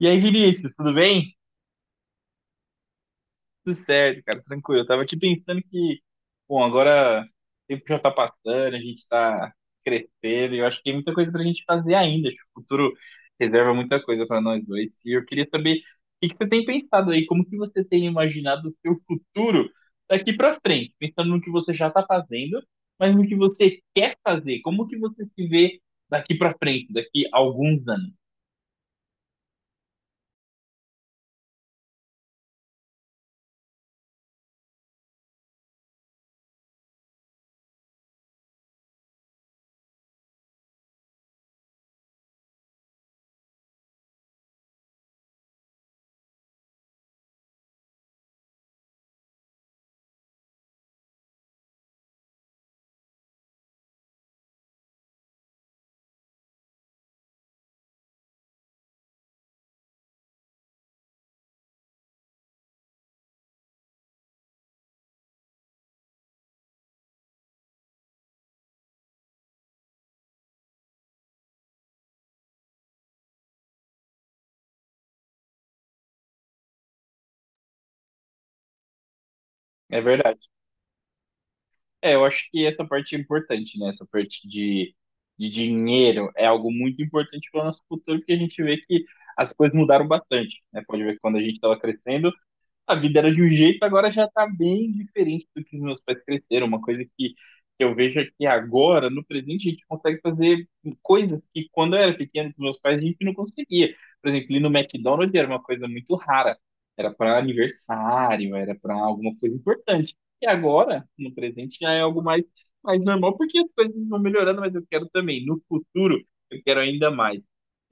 E aí, Vinícius, tudo bem? Tudo certo, cara, tranquilo. Eu tava aqui pensando que, bom, agora o tempo já tá passando, a gente tá crescendo, e eu acho que tem muita coisa pra gente fazer ainda. Acho que o futuro reserva muita coisa pra nós dois. E eu queria saber o que que você tem pensado aí, como que você tem imaginado o seu futuro daqui pra frente, pensando no que você já tá fazendo, mas no que você quer fazer, como que você se vê daqui pra frente, daqui a alguns anos. É verdade. É, eu acho que essa parte é importante, né? Essa parte de dinheiro é algo muito importante para o nosso futuro, porque a gente vê que as coisas mudaram bastante, né? Pode ver que quando a gente estava crescendo, a vida era de um jeito, agora já tá bem diferente do que os meus pais cresceram. Uma coisa que eu vejo é que agora, no presente, a gente consegue fazer coisas que quando eu era pequeno com meus pais a gente não conseguia. Por exemplo, ir no McDonald's era uma coisa muito rara. Era para aniversário, era para alguma coisa importante. E agora, no presente, já é algo mais, mais normal, porque as coisas vão melhorando, mas eu quero também, no futuro, eu quero ainda mais.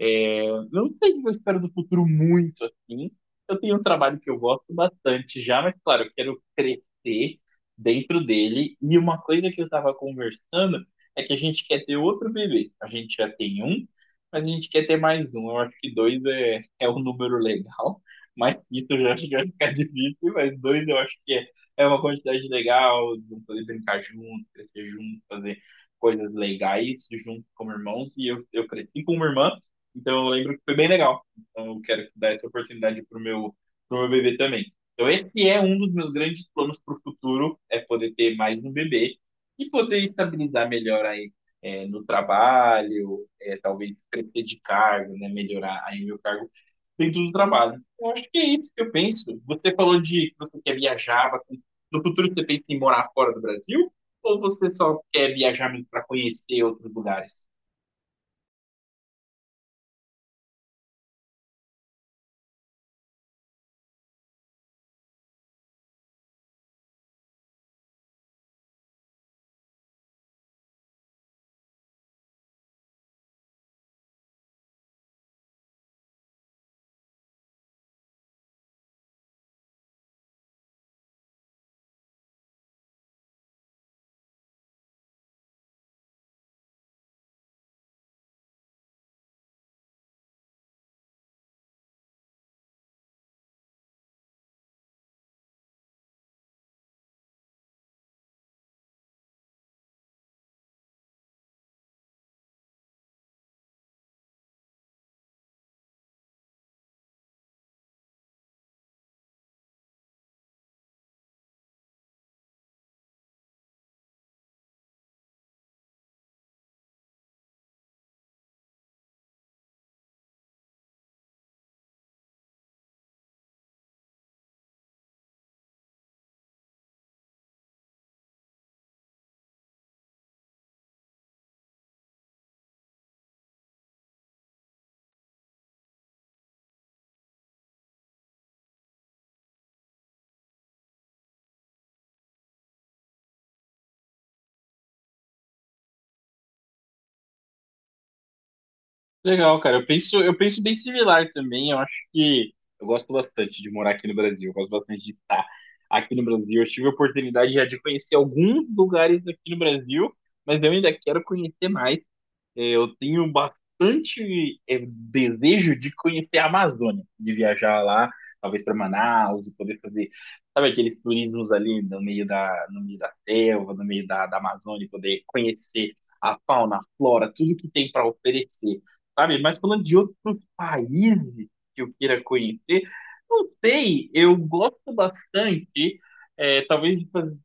É, eu não sei o que eu espero do futuro muito assim, eu tenho um trabalho que eu gosto bastante já, mas claro, eu quero crescer dentro dele. E uma coisa que eu estava conversando é que a gente quer ter outro bebê. A gente já tem um, mas a gente quer ter mais um. Eu acho que dois é, é um número legal, mas isso eu já acho que vai ficar difícil, mas dois eu acho que é, é uma quantidade legal, de um poder brincar junto, crescer junto, fazer coisas legais junto como irmãos. E eu cresci com uma irmã, então eu lembro que foi bem legal. Então eu quero dar essa oportunidade para o meu, pro meu bebê também. Então esse é um dos meus grandes planos para o futuro, é poder ter mais um bebê e poder estabilizar melhor aí é, no trabalho, é, talvez crescer de cargo, né, melhorar aí meu cargo dentro do trabalho. Eu acho que é isso que eu penso. Você falou de que você quer viajar, bastante. No futuro você pensa em morar fora do Brasil? Ou você só quer viajar para conhecer outros lugares? Legal, cara. Eu penso bem similar também. Eu acho que eu gosto bastante de morar aqui no Brasil. Eu gosto bastante de estar aqui no Brasil. Eu tive a oportunidade já de conhecer alguns lugares aqui no Brasil, mas eu ainda quero conhecer mais. É, eu tenho bastante desejo de conhecer a Amazônia, de viajar lá, talvez para Manaus e poder fazer, sabe, aqueles turismos ali no meio no meio da selva, no meio da Amazônia, poder conhecer a fauna, a flora, tudo que tem para oferecer, sabe? Mas falando de outros países que eu queira conhecer, não sei, eu gosto bastante, talvez de fazer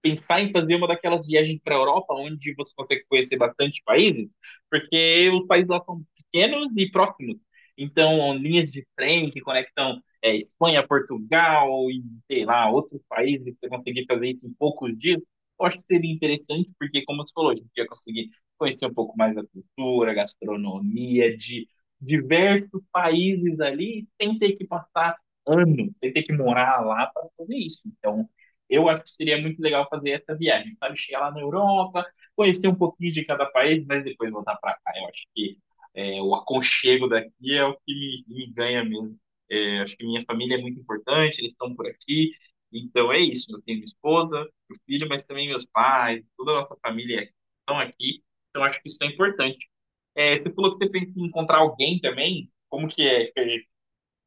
pensar em fazer uma daquelas viagens para a Europa, onde você consegue conhecer bastante países, porque os países lá são pequenos e próximos. Então, linhas de trem que conectam é, Espanha, Portugal e, sei lá, outros países, você conseguir fazer isso em poucos dias, eu acho que seria interessante, porque, como você falou, a gente ia conseguir conhecer um pouco mais da cultura, gastronomia, de diversos países ali, sem ter que passar anos, sem ter que morar lá para fazer isso. Então, eu acho que seria muito legal fazer essa viagem, sabe? Chegar lá na Europa, conhecer um pouquinho de cada país, mas depois voltar para cá. Eu acho que é, o aconchego daqui é o que me ganha mesmo. É, acho que minha família é muito importante, eles estão por aqui. Então é isso. Eu tenho minha esposa, meu filho, mas também meus pais, toda a nossa família estão aqui. Então acho que isso é importante. É, você falou que você pensa em encontrar alguém também. Como que é? É,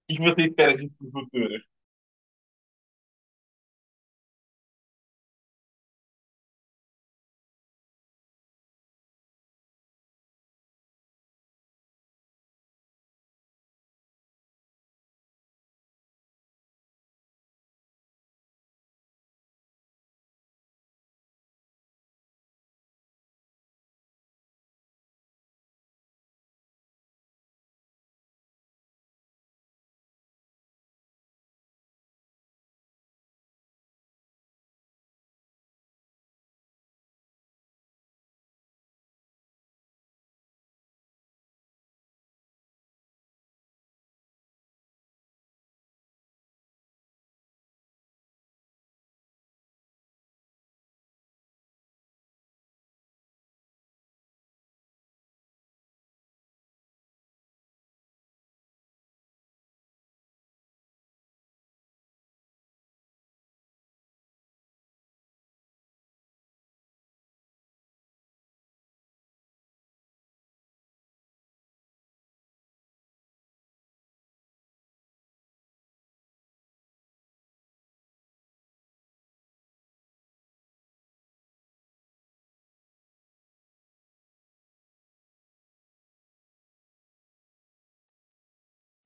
o que você espera disso no futuro?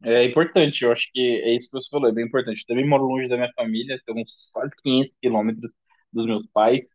É importante, eu acho que é isso que você falou, é bem importante. Eu também moro longe da minha família, tenho uns quase 500 quilômetros dos meus pais,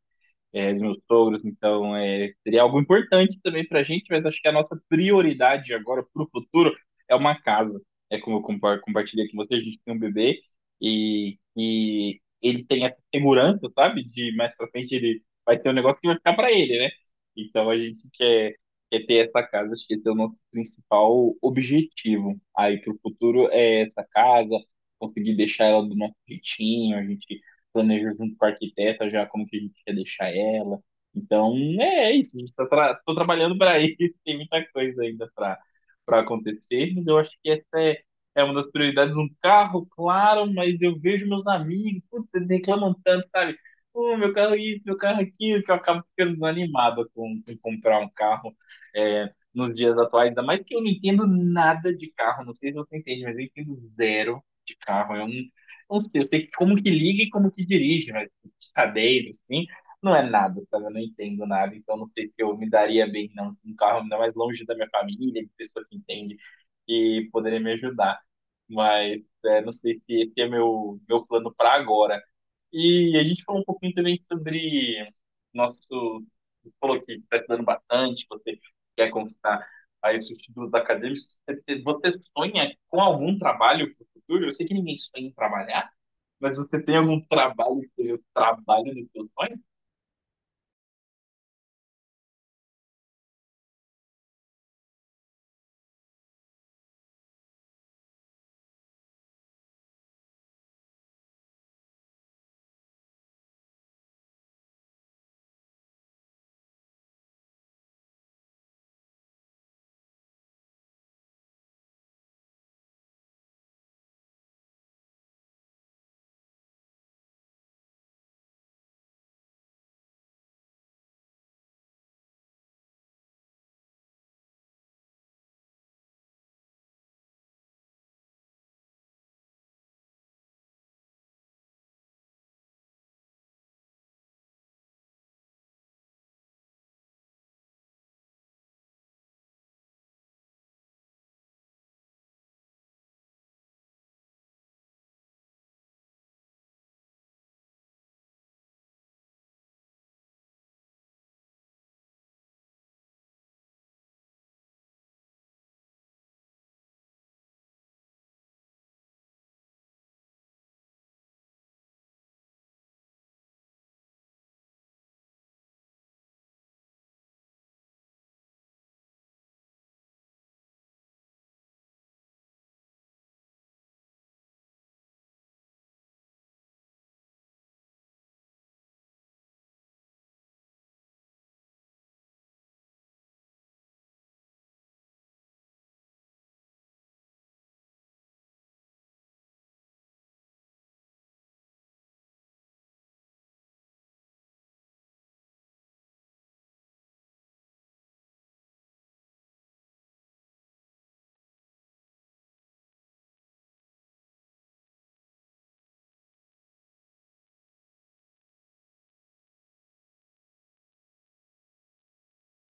é, dos meus sogros, então é, seria algo importante também para a gente, mas acho que a nossa prioridade agora para o futuro é uma casa. É como eu compartilhei com vocês, a gente tem um bebê e ele tem essa segurança, sabe? De mais para frente ele vai ter um negócio que vai ficar para ele, né? Então a gente quer, quer ter essa casa, acho que esse é o nosso principal objetivo aí para o futuro é essa casa, conseguir deixar ela do nosso jeitinho, a gente planejou junto com a arquiteta já como que a gente quer deixar ela. Então, é é isso. Estou tra tô trabalhando para isso. Tem muita coisa ainda para para acontecer, mas eu acho que essa é, é uma das prioridades. Um carro, claro, mas eu vejo meus amigos, putz, eles reclamam tanto, sabe? Pô, meu carro isso, meu carro aquilo, que eu acabo ficando desanimado com comprar um carro é, nos dias atuais. Ainda mais que eu não entendo nada de carro, não sei se você entende, mas eu entendo zero de carro. Eu não, não sei, eu sei como que liga e como que dirige, mas cadeiro, assim, não é nada, sabe? Eu não entendo nada, então não sei se eu me daria bem não, com um carro ainda mais longe da minha família, de pessoa que entende, que poderia me ajudar. Mas é, não sei se esse é meu, meu plano para agora. E a gente falou um pouquinho também sobre nosso. Você falou que está estudando bastante, você quer conquistar aí os seus títulos acadêmicos. Você sonha com algum trabalho para o futuro? Eu sei que ninguém sonha em trabalhar, mas você tem algum trabalho que seja o trabalho de seus sonhos?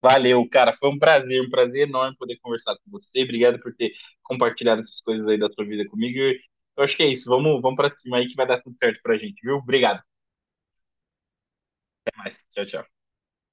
Valeu, cara. Foi um prazer enorme poder conversar com você. Obrigado por ter compartilhado essas coisas aí da sua vida comigo. Eu acho que é isso. Vamos, vamos para cima aí que vai dar tudo certo pra gente, viu? Obrigado. Até mais. Tchau, tchau.